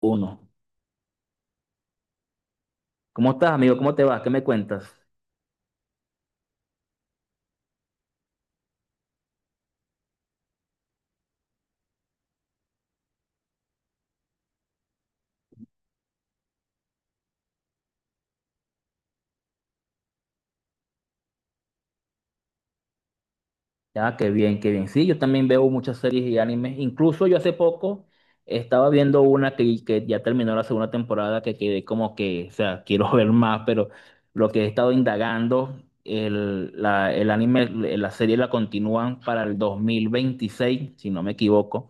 Uno. ¿Cómo estás, amigo? ¿Cómo te va? ¿Qué me cuentas? Ya, qué bien, qué bien. Sí, yo también veo muchas series y animes. Incluso yo hace poco estaba viendo una que ya terminó la segunda temporada, que quedé como que, o sea, quiero ver más, pero lo que he estado indagando, el anime, la serie la continúan para el 2026, si no me equivoco.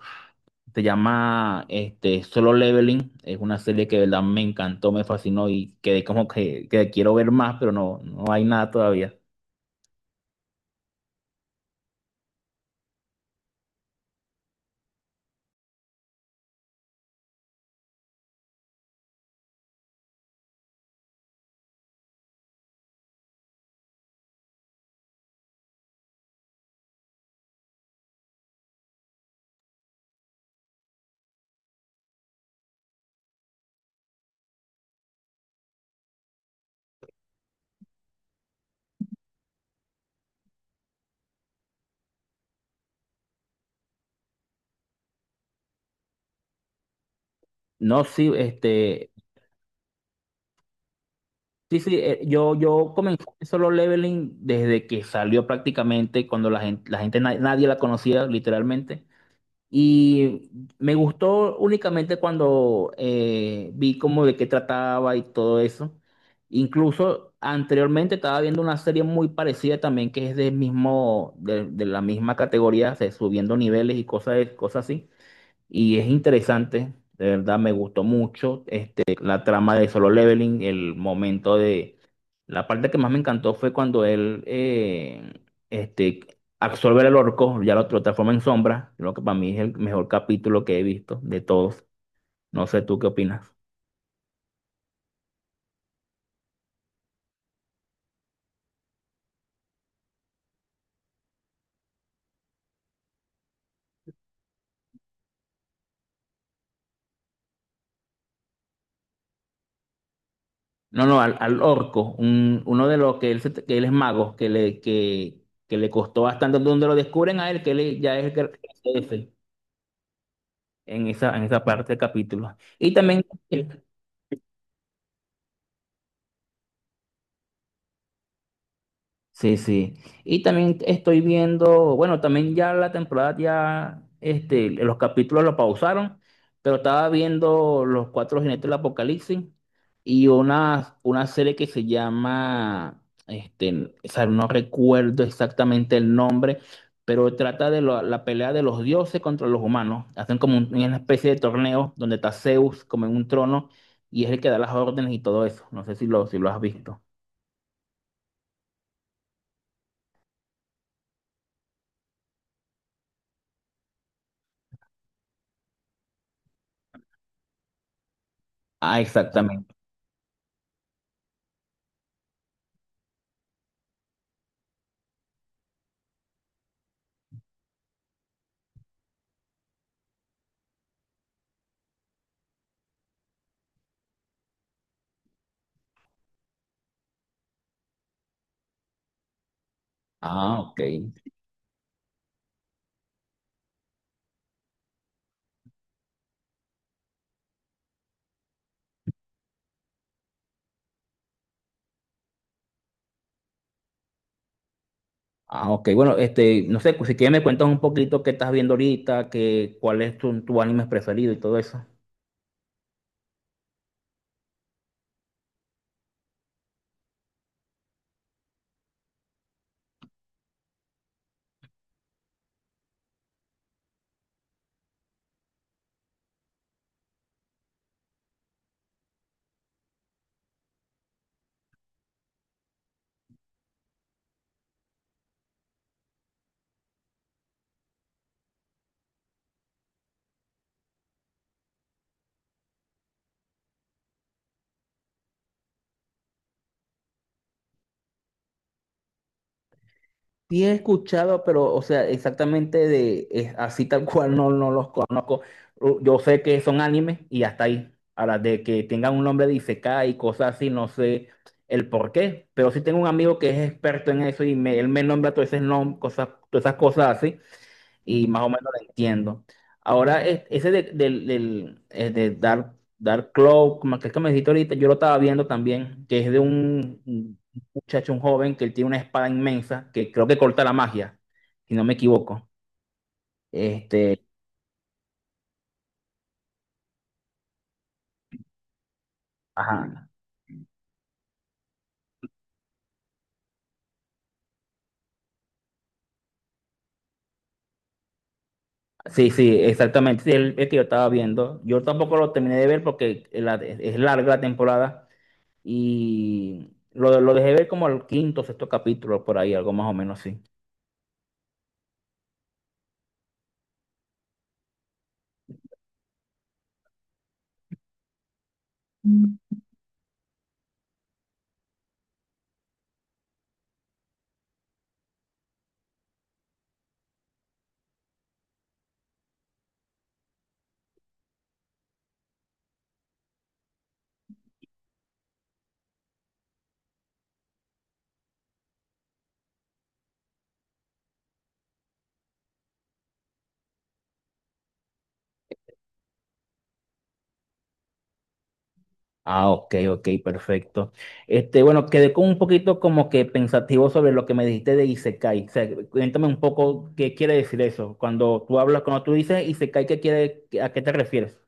Se llama este, Solo Leveling. Es una serie que de verdad me encantó, me fascinó y quedé como que quiero ver más, pero no, no hay nada todavía. No, sí, este, sí, sí, yo, yo comencé Solo Leveling desde que salió prácticamente, cuando nadie la conocía literalmente. Y me gustó únicamente cuando vi como de qué trataba y todo eso. Incluso anteriormente estaba viendo una serie muy parecida también que es del mismo, de la misma categoría, o sea, subiendo niveles y cosas, cosas así. Y es interesante, de verdad me gustó mucho este, la trama de Solo Leveling, el momento de... La parte que más me encantó fue cuando él este, absorbe al orco, ya lo transforma en sombra, lo que para mí es el mejor capítulo que he visto de todos. No sé tú qué opinas. No, no, al, al orco, uno de los que que él es mago, que le costó bastante, donde lo descubren a él, que él ya es el que- el jefe en esa parte del capítulo. Y también... Sí, sí. Y también estoy viendo, bueno, también ya la temporada ya, este, los capítulos lo pausaron, pero estaba viendo Los Cuatro Jinetes del Apocalipsis y una serie que se llama, este, o sea, no recuerdo exactamente el nombre, pero trata de la pelea de los dioses contra los humanos. Hacen como una especie de torneo donde está Zeus como en un trono y es el que da las órdenes y todo eso. No sé si lo, si lo has visto. Ah, exactamente. Ah, ok. Ah, ok, bueno, este, no sé, si quieres me cuentas un poquito qué estás viendo ahorita, qué, cuál es tu, tu anime preferido y todo eso. Sí he escuchado, pero, o sea, exactamente de, es así tal cual no, no los conozco. Yo sé que son animes y hasta ahí. Ahora, de que tengan un nombre de Isekai y cosas así, no sé el por qué, pero sí tengo un amigo que es experto en eso y me, él me nombra cosas, todas esas cosas así. Y más o menos lo entiendo. Ahora, ese de Dark Claw, como aquel que me dijiste ahorita, yo lo estaba viendo también, que es de un muchacho, un joven, que él tiene una espada inmensa, que creo que corta la magia, si no me equivoco. Este, ajá. Sí, sí, exactamente. Sí, el que yo estaba viendo. Yo tampoco lo terminé de ver porque es larga la temporada y lo dejé ver como el quinto, sexto capítulo, por ahí, algo más o menos así. Ah, ok, ok, perfecto. Este, bueno, quedé con un poquito como que pensativo sobre lo que me dijiste de Isekai. O sea, cuéntame un poco qué quiere decir eso. Cuando tú hablas, cuando tú dices Isekai, ¿qué quiere, a qué te refieres?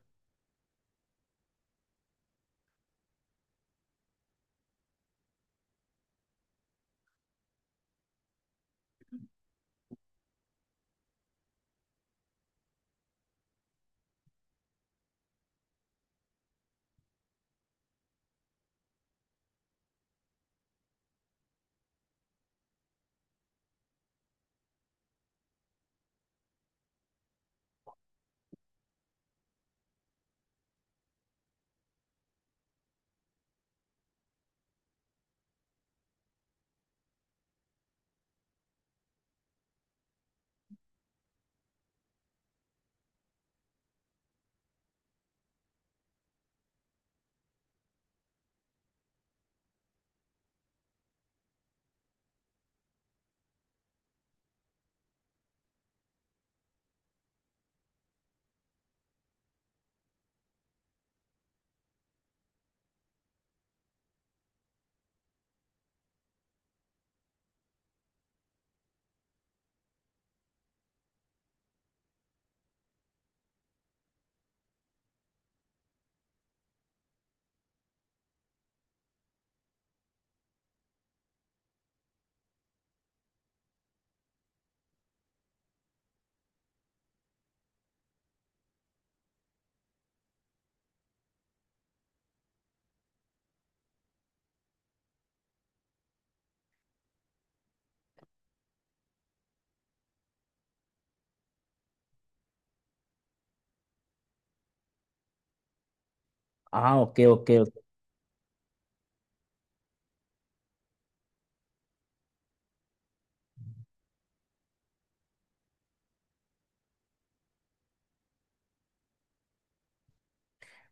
Ah, ok, ok. Ok.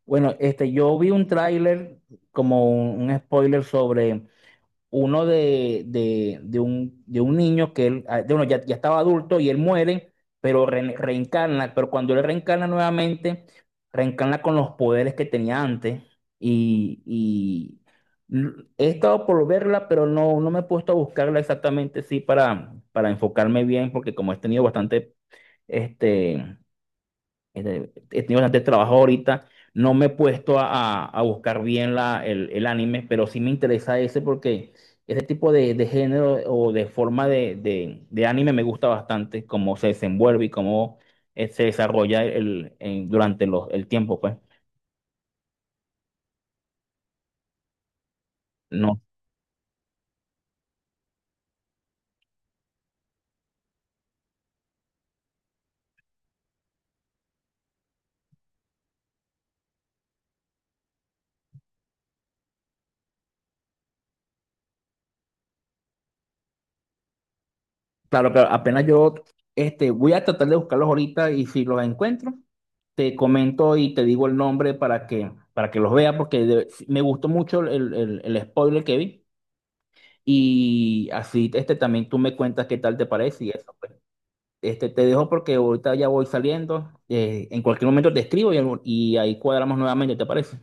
Bueno, este, yo vi un tráiler como un spoiler sobre uno de un niño que él, ah, de uno ya, ya estaba adulto y él muere, pero reencarna, pero cuando él reencarna nuevamente, reencarna con los poderes que tenía antes. Y he estado por verla, pero no, no me he puesto a buscarla exactamente, sí, para enfocarme bien, porque como he tenido bastante, este he tenido bastante trabajo ahorita. No me he puesto a, a buscar bien la, el anime, pero sí me interesa ese porque ese tipo de género o de forma de, de anime me gusta bastante, cómo se desenvuelve y cómo se desarrolla el, durante los, el tiempo, pues. No, claro, claro, apenas yo este, voy a tratar de buscarlos ahorita y si los encuentro, te comento y te digo el nombre para que los veas, porque me gustó mucho el, el spoiler que vi. Y así, este también tú me cuentas qué tal te parece y eso, pues. Este, te dejo porque ahorita ya voy saliendo. En cualquier momento te escribo y ahí cuadramos nuevamente, ¿te parece?